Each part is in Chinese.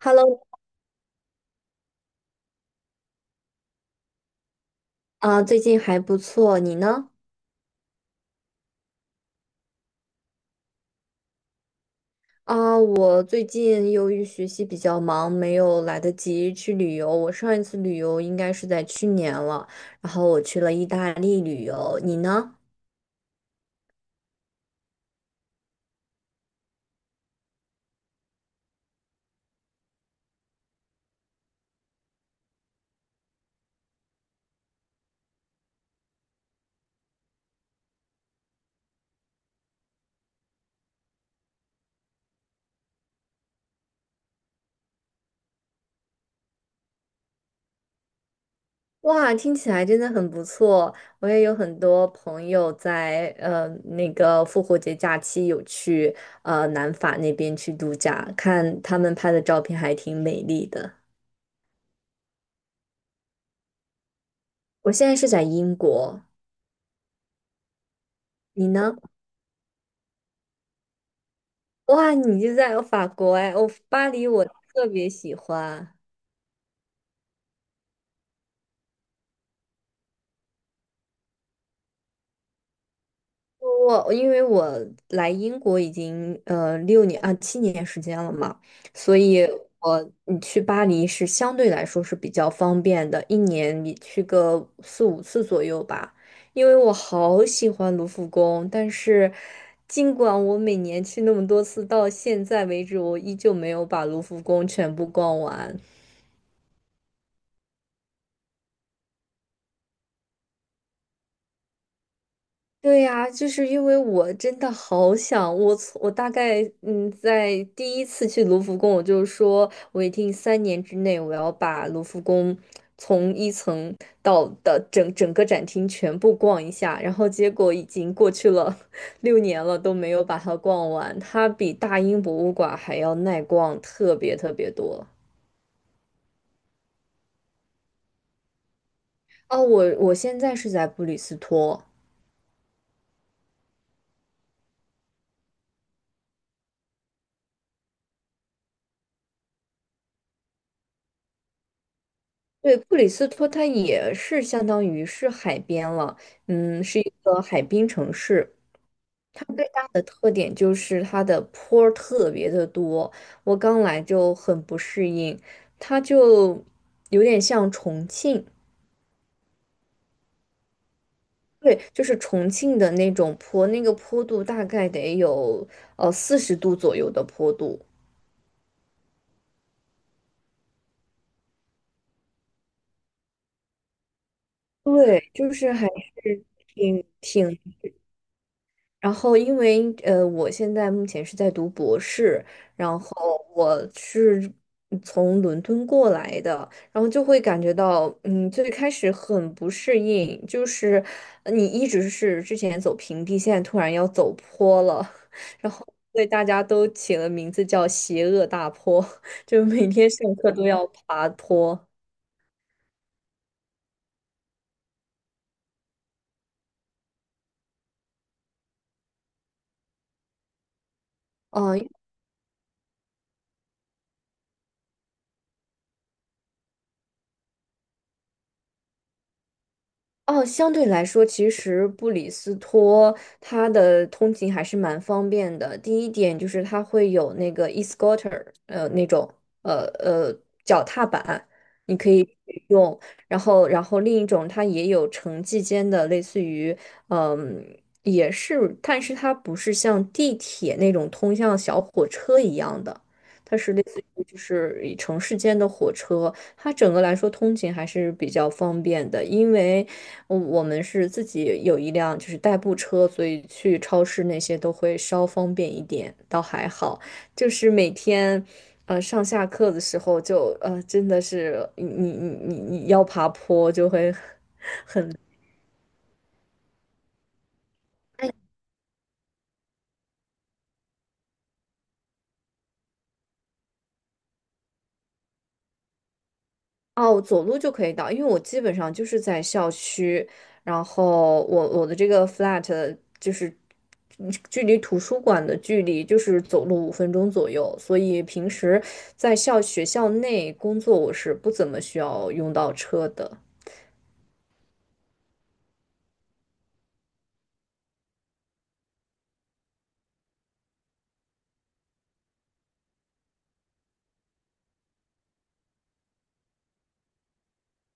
Hello，啊，最近还不错，你呢？啊，我最近由于学习比较忙，没有来得及去旅游。我上一次旅游应该是在去年了，然后我去了意大利旅游。你呢？哇，听起来真的很不错。我也有很多朋友在复活节假期有去南法那边去度假，看他们拍的照片还挺美丽的。我现在是在英国，你呢？哇，你就在法国哎，我巴黎我特别喜欢。因为我来英国已经6年啊7年时间了嘛，所以你去巴黎是相对来说是比较方便的，一年你去个4、5次左右吧。因为我好喜欢卢浮宫，但是尽管我每年去那么多次，到现在为止我依旧没有把卢浮宫全部逛完。对呀，就是因为我真的好想，我大概在第一次去卢浮宫，我就说我一定3年之内我要把卢浮宫从一层整整个展厅全部逛一下，然后结果已经过去了 6年了都没有把它逛完，它比大英博物馆还要耐逛特别特别多。哦，我现在是在布里斯托，对，布里斯托它也是相当于是海边了，嗯，是一个海滨城市。它最大的特点就是它的坡儿特别的多，我刚来就很不适应，它就有点像重庆，对，就是重庆的那种坡，那个坡度大概得有40度左右的坡度，对，就是还是挺挺。然后，因为我现在目前是在读博士，然后我是从伦敦过来的，然后就会感觉到，嗯，最开始很不适应，就是你一直是之前走平地，现在突然要走坡了，然后对大家都起了名字叫“邪恶大坡”，就每天上课都要爬坡。嗯，哦，相对来说，其实布里斯托它的通勤还是蛮方便的。第一点就是它会有那个 e-scooter，那种呃呃脚踏板，你可以用。然后另一种它也有城际间的，类似于嗯，也是，但是它不是像地铁那种通向小火车一样的，它是类似于就是以城市间的火车。它整个来说通勤还是比较方便的，因为我们是自己有一辆就是代步车，所以去超市那些都会稍方便一点，倒还好。就是每天，上下课的时候就真的是你要爬坡就会哦，走路就可以到，因为我基本上就是在校区，然后我的这个 flat 就是距离图书馆的距离就是走路5分钟左右，所以平时在学校内工作我是不怎么需要用到车的。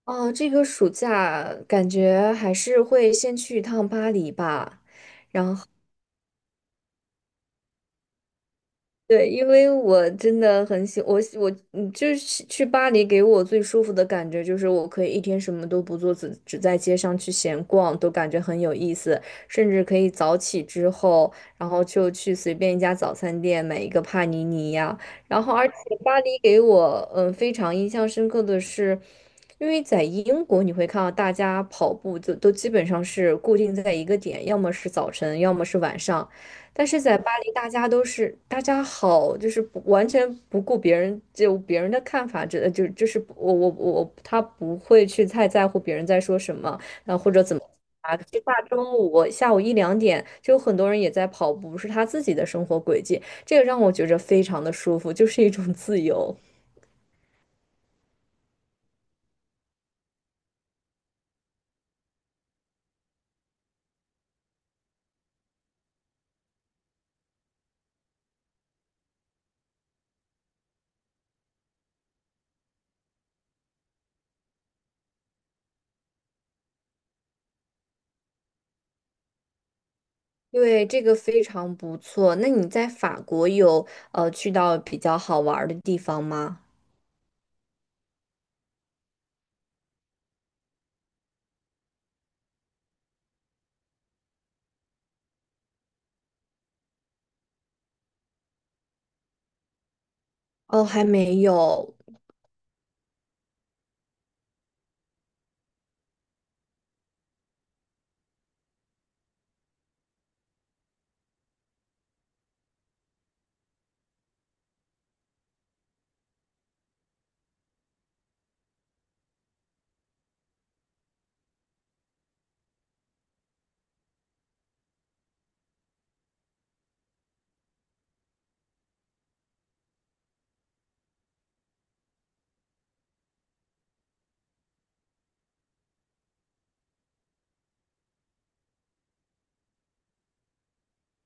哦，这个暑假感觉还是会先去一趟巴黎吧。对，因为我真的很喜我喜我就是去巴黎给我最舒服的感觉就是我可以一天什么都不做，只在街上去闲逛，都感觉很有意思。甚至可以早起之后，然后就去随便一家早餐店买一个帕尼尼呀。然后，而且巴黎给我非常印象深刻的是，因为在英国你会看到大家跑步就都基本上是固定在一个点，要么是早晨，要么是晚上。但是在巴黎，大家都是大家好，就是不完全不顾别人的看法，这就就是不我我我他不会去太在乎别人在说什么，然后或者怎么啊？就大中午我下午1、2点，就有很多人也在跑步，是他自己的生活轨迹，这个让我觉着非常的舒服，就是一种自由。对，这个非常不错。那你在法国有去到比较好玩儿的地方吗？哦，还没有。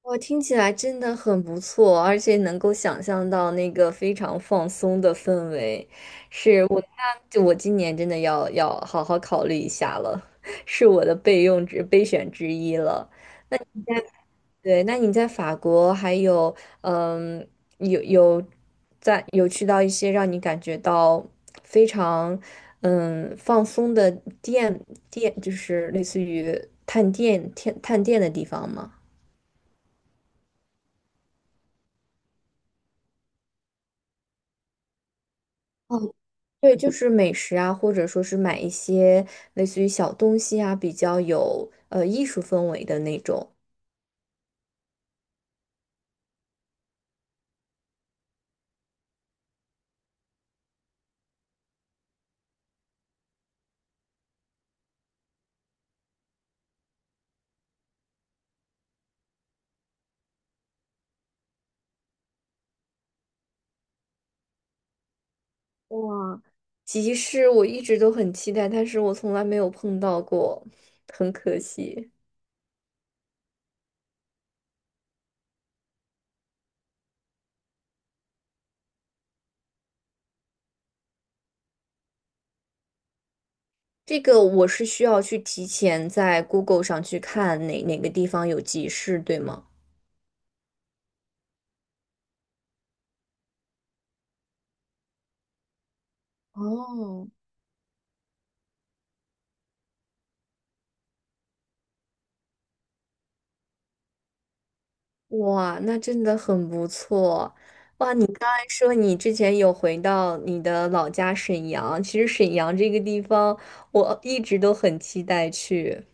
我听起来真的很不错，而且能够想象到那个非常放松的氛围，是我那就我今年真的要好好考虑一下了，是我的备选之一了。对，那你在法国还有嗯有有在有去到一些让你感觉到非常放松的店店，就是类似于探店的地方吗？对，就是美食啊，或者说是买一些类似于小东西啊，比较有艺术氛围的那种哇，集市，我一直都很期待，但是我从来没有碰到过，很可惜。这个我是需要去提前在 Google 上去看哪个地方有集市，对吗？哦。哇，那真的很不错。哇，你刚才说你之前有回到你的老家沈阳，其实沈阳这个地方我一直都很期待去。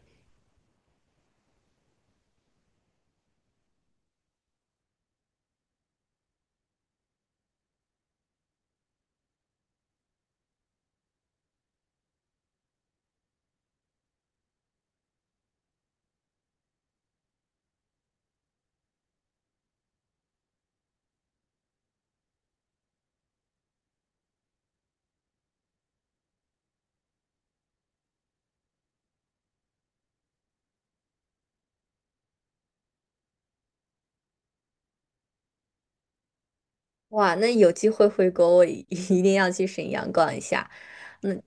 哇，那有机会回国，我一 一定要去沈阳逛一下。嗯，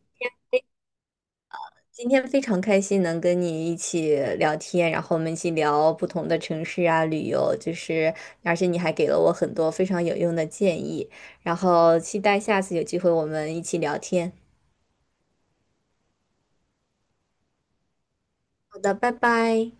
今天非常开心能跟你一起聊天，然后我们一起聊不同的城市啊、旅游，就是而且你还给了我很多非常有用的建议，然后期待下次有机会我们一起聊天。好的，拜拜。